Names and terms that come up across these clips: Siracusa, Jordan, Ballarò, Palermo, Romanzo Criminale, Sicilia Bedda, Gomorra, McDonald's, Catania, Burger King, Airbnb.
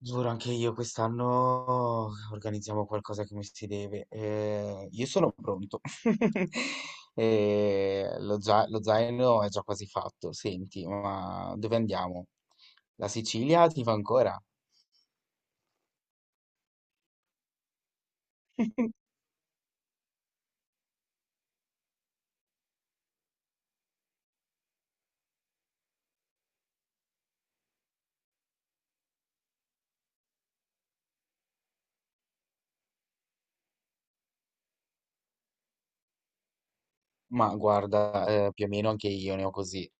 Giuro, anche io quest'anno organizziamo qualcosa come si deve. Io sono pronto. Lo zaino è già quasi fatto. Senti, ma dove andiamo? La Sicilia ti va ancora? Ma guarda, più o meno anche io ne ho così.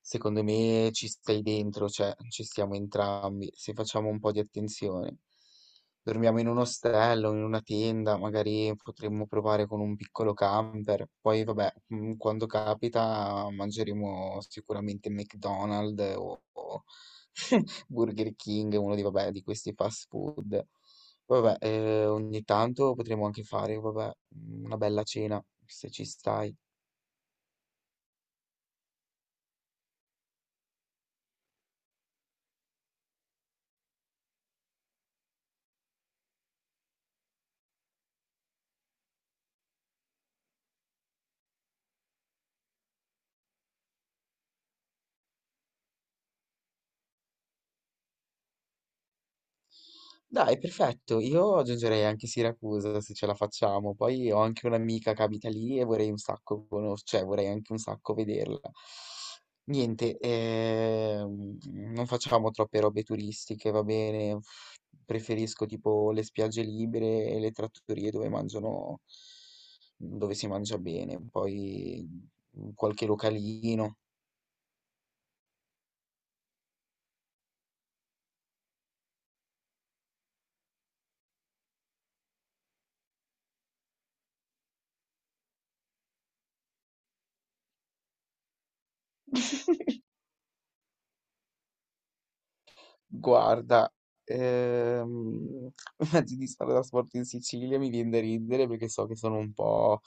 Secondo me ci stai dentro, cioè ci stiamo entrambi, se facciamo un po' di attenzione. Dormiamo in un ostello, in una tenda, magari potremmo provare con un piccolo camper. Poi vabbè, quando capita mangeremo sicuramente McDonald's o Burger King, uno di, vabbè, di questi fast food. Poi vabbè, ogni tanto potremmo anche fare, vabbè, una bella cena, se ci stai. Dai, perfetto. Io aggiungerei anche Siracusa se ce la facciamo. Poi ho anche un'amica che abita lì e vorrei un sacco cioè vorrei anche un sacco vederla. Niente, non facciamo troppe robe turistiche, va bene. Preferisco tipo le spiagge libere e le trattorie dove mangiano, dove si mangia bene. Poi qualche localino. Guarda, ehm, mezzi di trasporto in Sicilia mi viene da ridere perché so che sono un po'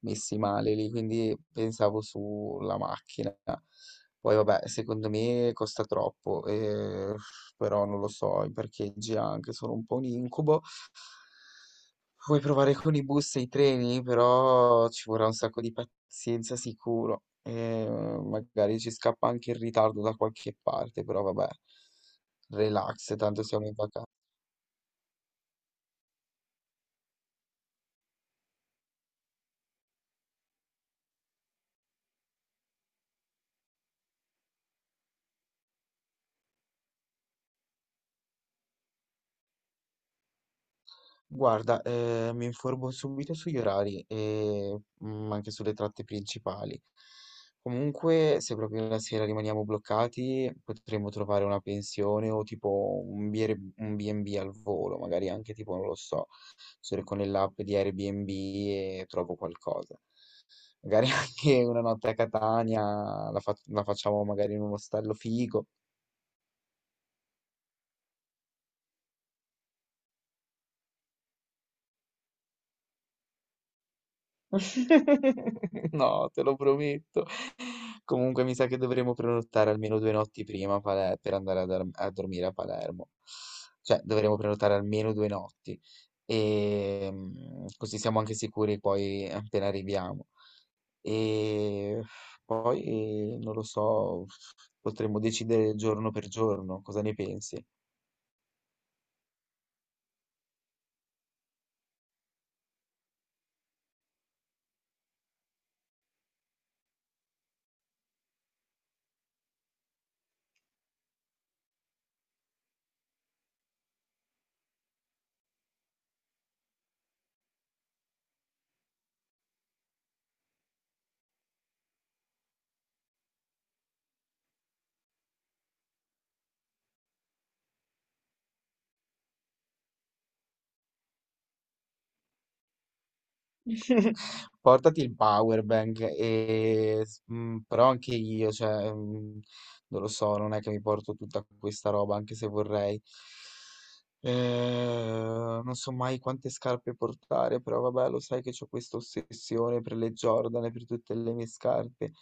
messi male lì, quindi pensavo sulla macchina. Poi vabbè, secondo me costa troppo, però non lo so, i parcheggi anche sono un po' un incubo. Vuoi provare con i bus e i treni, però ci vorrà un sacco di pazienza sicuro. E magari ci scappa anche in ritardo da qualche parte, però vabbè, relax, tanto siamo in vacanza. Guarda, mi informo subito sugli orari e anche sulle tratte principali. Comunque, se proprio la sera rimaniamo bloccati, potremmo trovare una pensione o tipo un B&B al volo, magari anche tipo, non lo so, cerco nell'app di Airbnb e trovo qualcosa. Magari anche una notte a Catania la facciamo magari in un ostello figo. No, te lo prometto. Comunque mi sa che dovremo prenotare almeno due notti prima per andare a dormire a Palermo. Cioè, dovremo prenotare almeno due notti. E così siamo anche sicuri poi appena arriviamo. E poi, non lo so, potremmo decidere giorno per giorno. Cosa ne pensi? Portati il power bank, però anche io, cioè, non lo so, non è che mi porto tutta questa roba, anche se vorrei. Non so mai quante scarpe portare, però vabbè, lo sai che ho questa ossessione per le Jordan e per tutte le mie scarpe.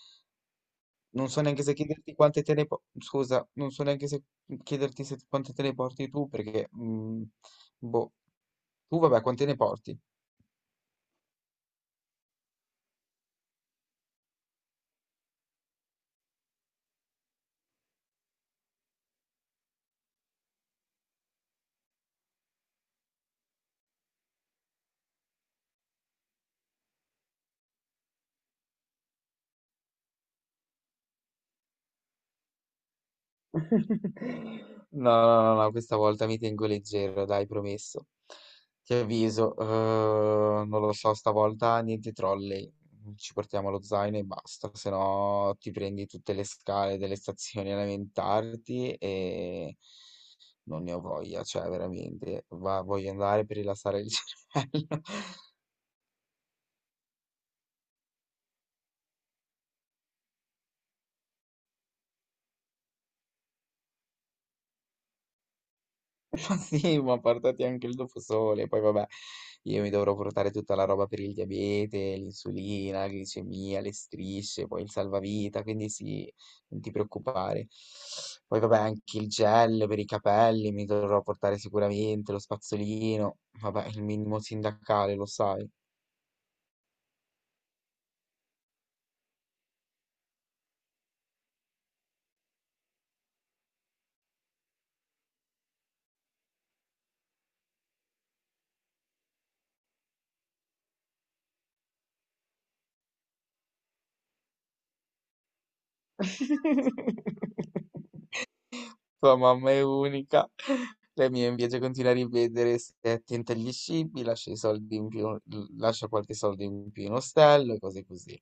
Non so neanche se chiederti quante scusa, non so neanche se chiederti quante te ne porti tu, perché, boh, tu vabbè, quante ne porti? No, no, no, no, questa volta mi tengo leggero, dai, promesso. Ti avviso, non lo so, stavolta niente trolley. Ci portiamo lo zaino e basta, se no ti prendi tutte le scale delle stazioni a lamentarti e non ne ho voglia, cioè veramente, voglio andare per rilassare il cervello. Sì, ma portati anche il doposole, poi vabbè, io mi dovrò portare tutta la roba per il diabete, l'insulina, la glicemia, le strisce, poi il salvavita, quindi sì, non ti preoccupare. Poi vabbè, anche il gel per i capelli mi dovrò portare sicuramente, lo spazzolino, vabbè, il minimo sindacale, lo sai. Tua mamma è unica. La mia invece continua a ripetere, se è attenta agli scippi, lascia i soldi in più, lascia qualche soldo in più in ostello e cose così.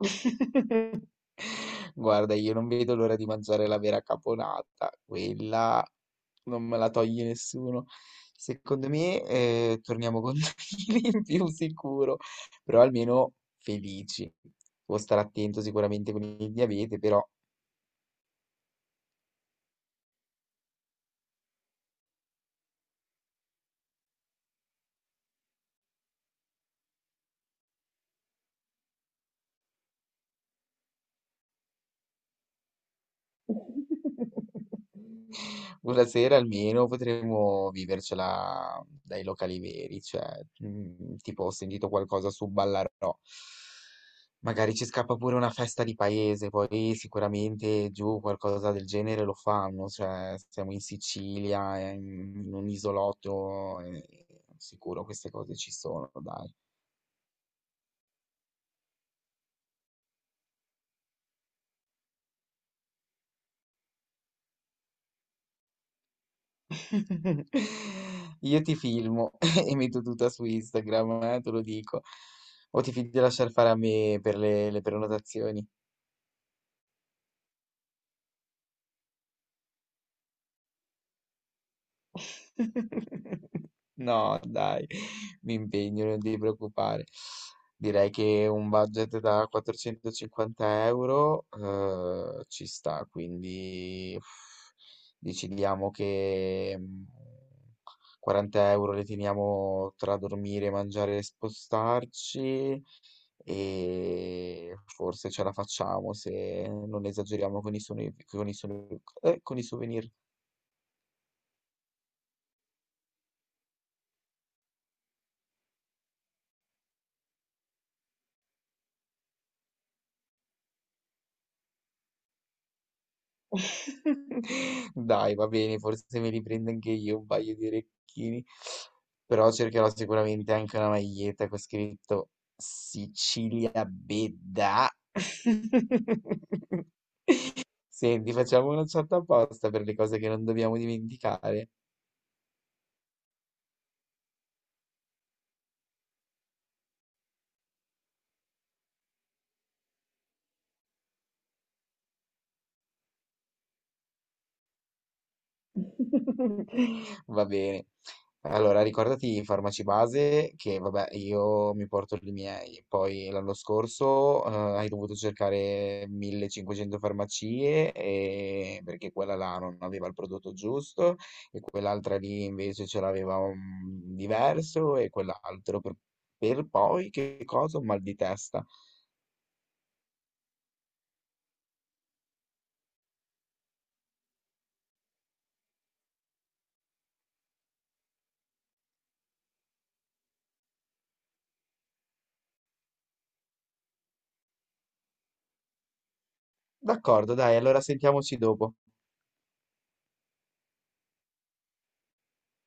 Guarda, io non vedo l'ora di mangiare la vera caponata, quella non me la toglie nessuno. Secondo me, torniamo con due chili in più sicuro, però almeno felici. Può stare attento sicuramente con il diabete, però una sera almeno potremmo vivercela dai locali veri, cioè, tipo ho sentito qualcosa su Ballarò. Magari ci scappa pure una festa di paese, poi sicuramente giù qualcosa del genere lo fanno, cioè siamo in Sicilia, in un isolotto, sicuro queste cose ci sono, dai. Io ti filmo e metto tutta su Instagram, te lo dico. O ti fidi di lasciar fare a me per le prenotazioni? No, dai, mi impegno, non ti preoccupare. Direi che un budget da 450 euro ci sta, quindi uff, decidiamo che 40 euro le teniamo tra dormire, mangiare e spostarci e forse ce la facciamo se non esageriamo con con i souvenir. Dai, va bene, forse mi riprendo anche io un paio di orecchini, però cercherò sicuramente anche una maglietta con scritto Sicilia Bedda. Senti, facciamo una chat apposta per le cose che non dobbiamo dimenticare. Va bene. Allora, ricordati i farmaci base che, vabbè, io mi porto i miei. Poi l'anno scorso, hai dovuto cercare 1500 farmacie perché quella là non aveva il prodotto giusto e quell'altra lì invece ce l'aveva un diverso e quell'altro per poi che cosa? Un mal di testa. D'accordo, dai, allora sentiamoci dopo.